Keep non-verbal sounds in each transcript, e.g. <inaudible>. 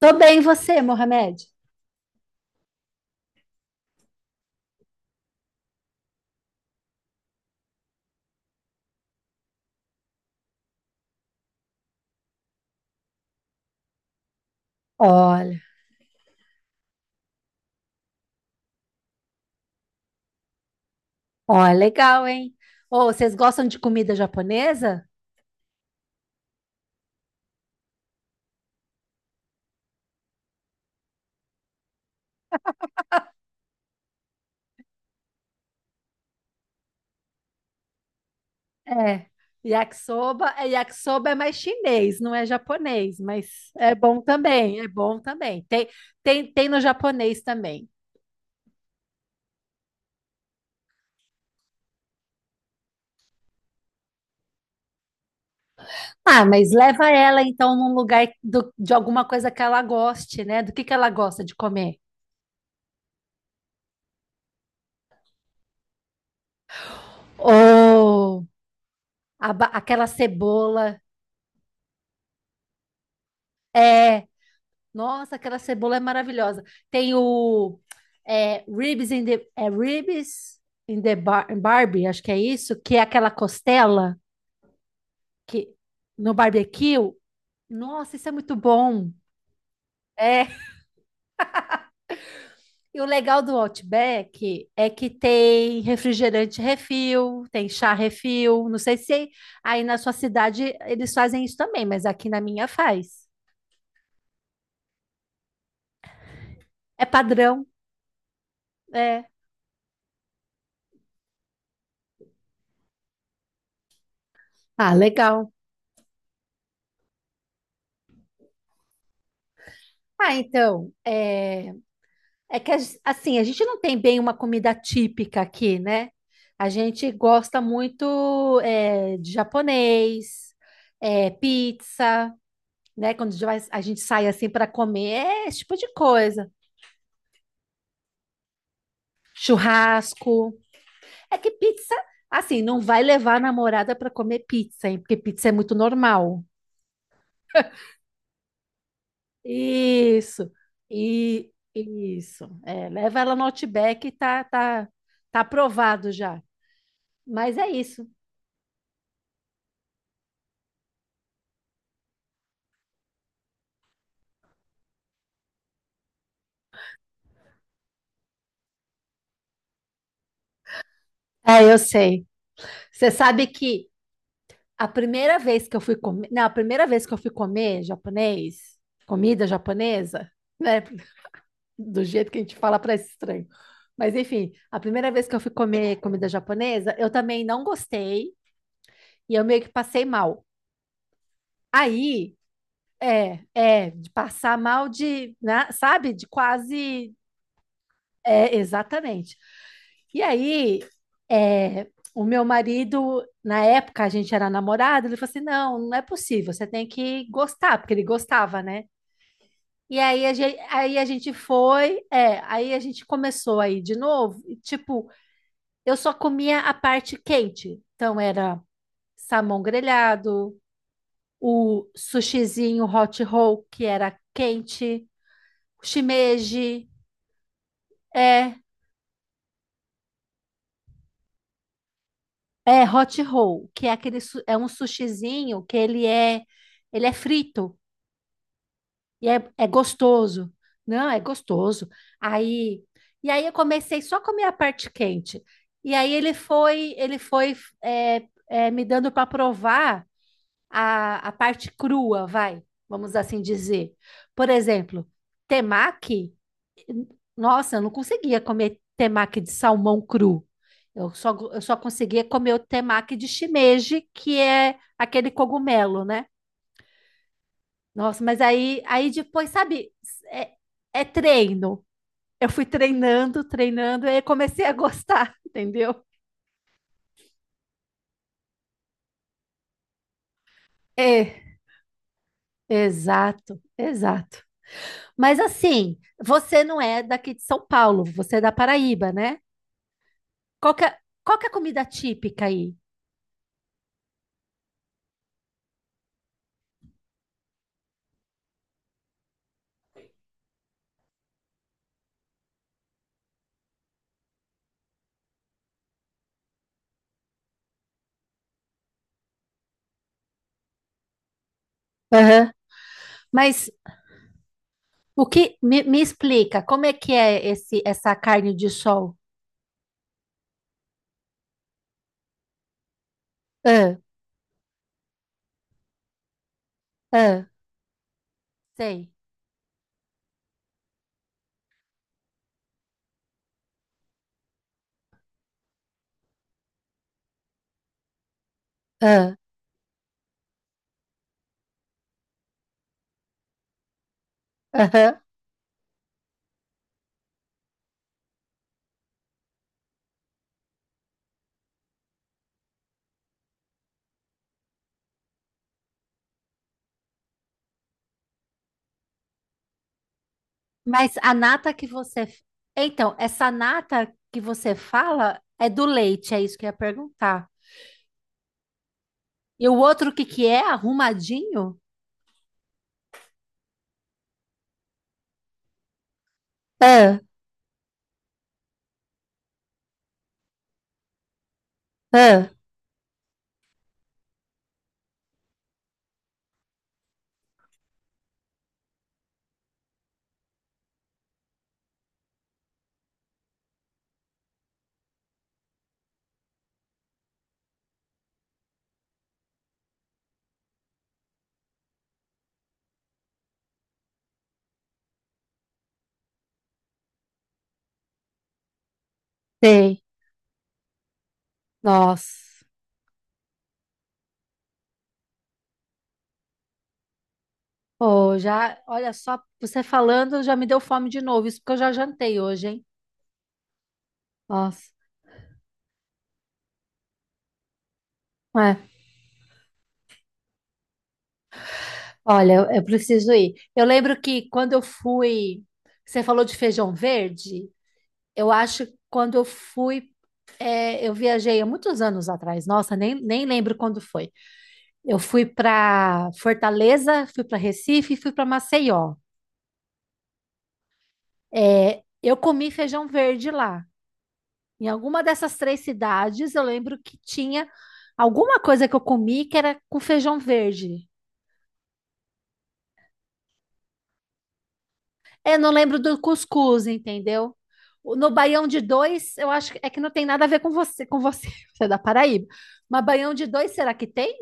Tô bem, e você, Mohamed? Olha, olha, legal, hein? Ô, vocês gostam de comida japonesa? É. Yakisoba é mais chinês, não é japonês, mas é bom também, é bom também. Tem no japonês também. Ah, mas leva ela então num lugar de alguma coisa que ela goste, né? Do que ela gosta de comer? Ou aquela cebola. É, nossa, aquela cebola é maravilhosa. Tem ribs in the bar, Barbie, acho que é isso, que é aquela costela que no barbecue. Nossa, isso é muito bom. É, e o legal do Outback é que tem refrigerante refil, tem chá refil. Não sei se aí na sua cidade eles fazem isso também, mas aqui na minha faz. É padrão, é. Ah, legal. Ah, então, é. É que assim, a gente não tem bem uma comida típica aqui, né? A gente gosta muito de japonês, é, pizza, né? Quando a gente a gente sai assim para comer, é esse tipo de coisa. Churrasco. É que pizza, assim, não vai levar a namorada para comer pizza, hein? Porque pizza é muito normal. Isso. E isso. É, leva ela no Outback, e tá aprovado já. Mas é isso. É, eu sei. Você sabe que a primeira vez que eu fui comer, não, a primeira vez que eu fui comer japonês, comida japonesa, né, do jeito que a gente fala parece estranho. Mas enfim, a primeira vez que eu fui comer comida japonesa, eu também não gostei e eu meio que passei mal. Aí, de passar mal de, né, sabe, de quase. É, exatamente. E aí, é, o meu marido, na época a gente era namorado, ele falou assim: não, não é possível, você tem que gostar, porque ele gostava, né? E aí a gente foi, aí a gente começou aí de novo, e, tipo, eu só comia a parte quente. Então era salmão grelhado, o sushizinho hot roll, que era quente, shimeji, é. É hot roll, que é aquele é um sushizinho que ele é frito e é gostoso. Não, é gostoso. Aí e aí eu comecei só a comer a parte quente. E aí ele foi me dando para provar a parte crua, vai, vamos assim dizer. Por exemplo, temaki, nossa, eu não conseguia comer temaki de salmão cru. Eu só conseguia comer o temaki de shimeji, que é aquele cogumelo, né? Nossa, mas aí, aí depois, sabe, é, é treino. Eu fui treinando, treinando, e aí comecei a gostar, <laughs> entendeu? É, exato, exato. Mas assim, você não é daqui de São Paulo, você é da Paraíba, né? Qual que é, qual que é a comida típica aí? Aham. Mas o que me explica como é que é esse essa carne de sol? Ah, ah, sei. Ah, aham. Mas a nata que você. Então, essa nata que você fala é do leite, é isso que eu ia perguntar. E o outro o que que é? Arrumadinho? Ah, ah, sei. Nossa. Oh, já, olha só, você falando já me deu fome de novo, isso porque eu já jantei hoje, hein? Nossa. Olha, eu preciso ir. Eu lembro que quando eu fui, você falou de feijão verde. Eu acho que quando eu fui, é, eu viajei há muitos anos atrás. Nossa, nem lembro quando foi. Eu fui para Fortaleza, fui para Recife e fui para Maceió. É, eu comi feijão verde lá. Em alguma dessas três cidades, eu lembro que tinha alguma coisa que eu comi que era com feijão verde. É, não lembro do cuscuz, entendeu? No baião de dois, eu acho que é que não tem nada a ver com você, <laughs> você é da Paraíba. Mas baião de dois, será que tem?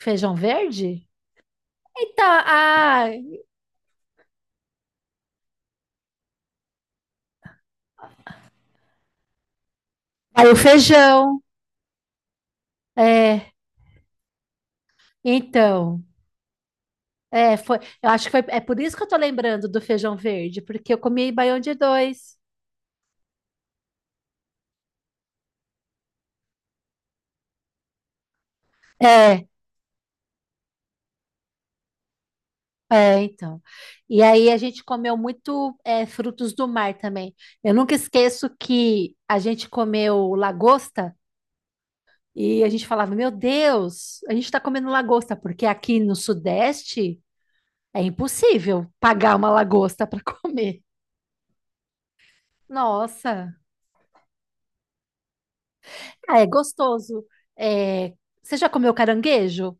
Feijão verde? Então, ah, aí o feijão. É, então, é, foi, eu acho que foi, é por isso que eu tô lembrando do feijão verde, porque eu comi baião de dois. É, então. E aí a gente comeu muito, é, frutos do mar também. Eu nunca esqueço que a gente comeu lagosta. E a gente falava: meu Deus, a gente está comendo lagosta, porque aqui no Sudeste é impossível pagar uma lagosta para <laughs> comer. Nossa, ah, é gostoso. É, você já comeu caranguejo?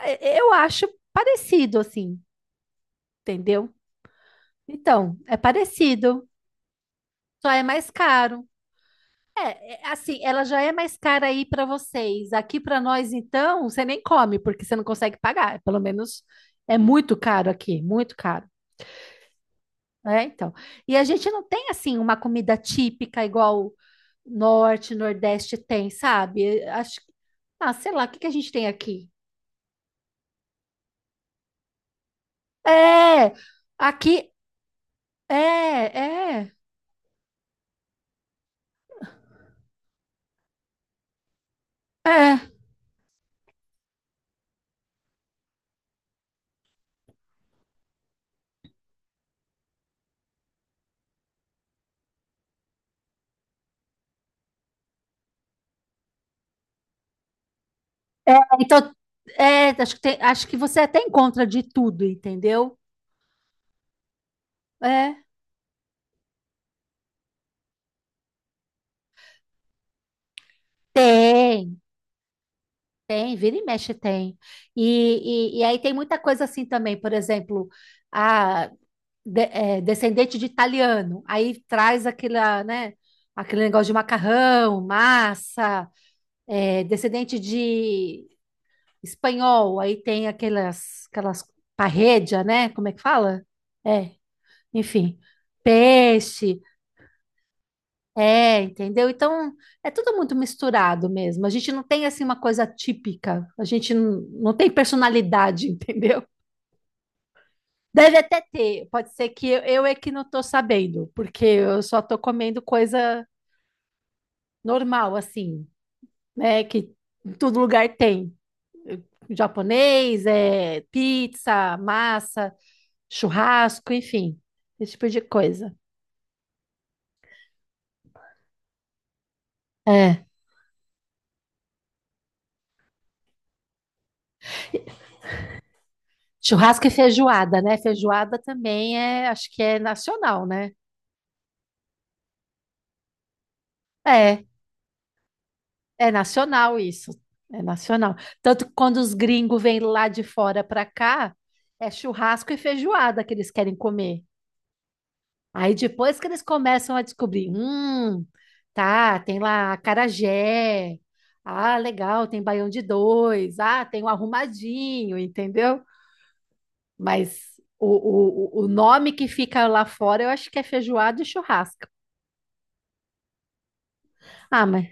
Eu acho parecido, assim, entendeu? Então, é parecido, só é mais caro. Assim, ela já é mais cara aí para vocês. Aqui para nós, então, você nem come, porque você não consegue pagar. Pelo menos é muito caro aqui, muito caro. É, então. E a gente não tem assim uma comida típica igual norte, nordeste tem, sabe? Acho que. Ah, sei lá, o que que a gente tem aqui? É, aqui é, é, é. Então, é, acho que acho que você até encontra de tudo, entendeu? É. Tem, tem, vira e mexe tem. E aí tem muita coisa assim também, por exemplo, é, descendente de italiano. Aí traz aquela, né, aquele negócio de macarrão, massa, é, descendente de espanhol. Aí tem aquelas parredia, né? Como é que fala? É, enfim, peixe. É, entendeu? Então, é tudo muito misturado mesmo. A gente não tem assim uma coisa típica. A gente não, não tem personalidade, <laughs> entendeu? Deve até ter, pode ser que eu é que não tô sabendo, porque eu só tô comendo coisa normal, assim, né? Que em todo lugar tem. Japonês, é, pizza, massa, churrasco, enfim, esse tipo de coisa. É. Churrasco e feijoada, né? Feijoada também é, acho que é nacional, né? É. É nacional isso. É nacional. Tanto que quando os gringos vêm lá de fora para cá, é churrasco e feijoada que eles querem comer. Aí depois que eles começam a descobrir, tá, tem lá acarajé. Ah, legal, tem baião de dois. Ah, tem o arrumadinho, entendeu? Mas o, o nome que fica lá fora, eu acho que é feijoada e churrasco. Ah, mas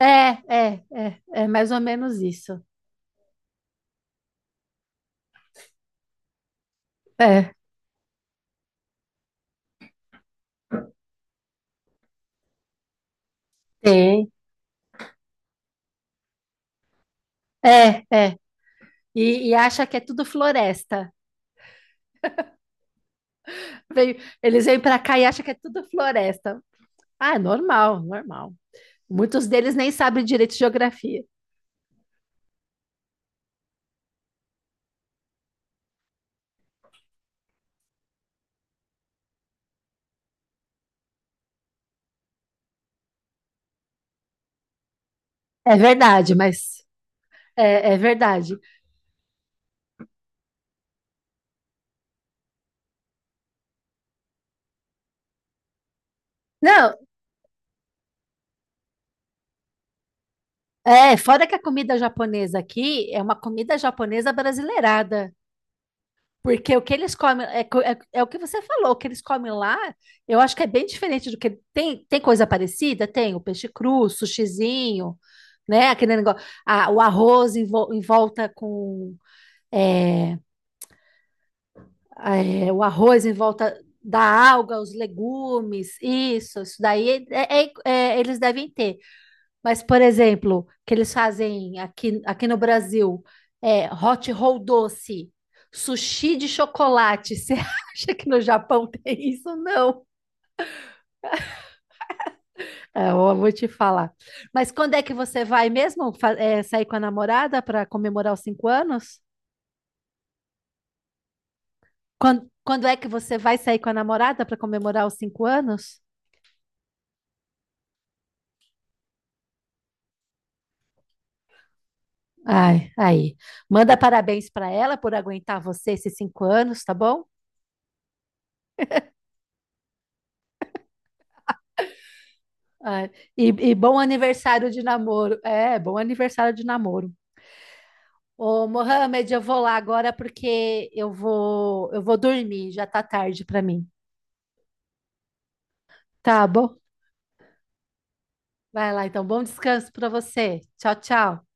é mais ou menos isso. É, tem. É, é. E acha que é tudo floresta. Veio- eles vêm para cá e acham que é tudo floresta. Ah, é normal, normal. Muitos deles nem sabem direito de geografia. É verdade, mas é verdade. Não, é, fora que a comida japonesa aqui é uma comida japonesa brasileirada. Porque o que eles comem, é, é o que você falou, o que eles comem lá, eu acho que é bem diferente do que. Tem coisa parecida? Tem o peixe cru, sushizinho, né? Aquele negócio. Ah, o arroz em, vol em volta com. é, é, o arroz em volta da alga, os legumes, isso daí eles devem ter. Mas, por exemplo, que eles fazem aqui, aqui no Brasil, é hot roll doce, sushi de chocolate. Você <laughs> acha que no Japão tem isso? Não. É, eu vou te falar. Mas quando é que você vai mesmo sair com a namorada para comemorar os 5 anos? Quando é que você vai sair com a namorada para comemorar os cinco anos? Ai, aí. Manda parabéns para ela por aguentar você esses 5 anos, tá bom? Ai, e bom aniversário de namoro. É, bom aniversário de namoro. Ô, Mohamed, eu vou lá agora porque eu vou dormir, já tá tarde pra mim. Tá bom? Vai lá então, bom descanso pra você. Tchau, tchau.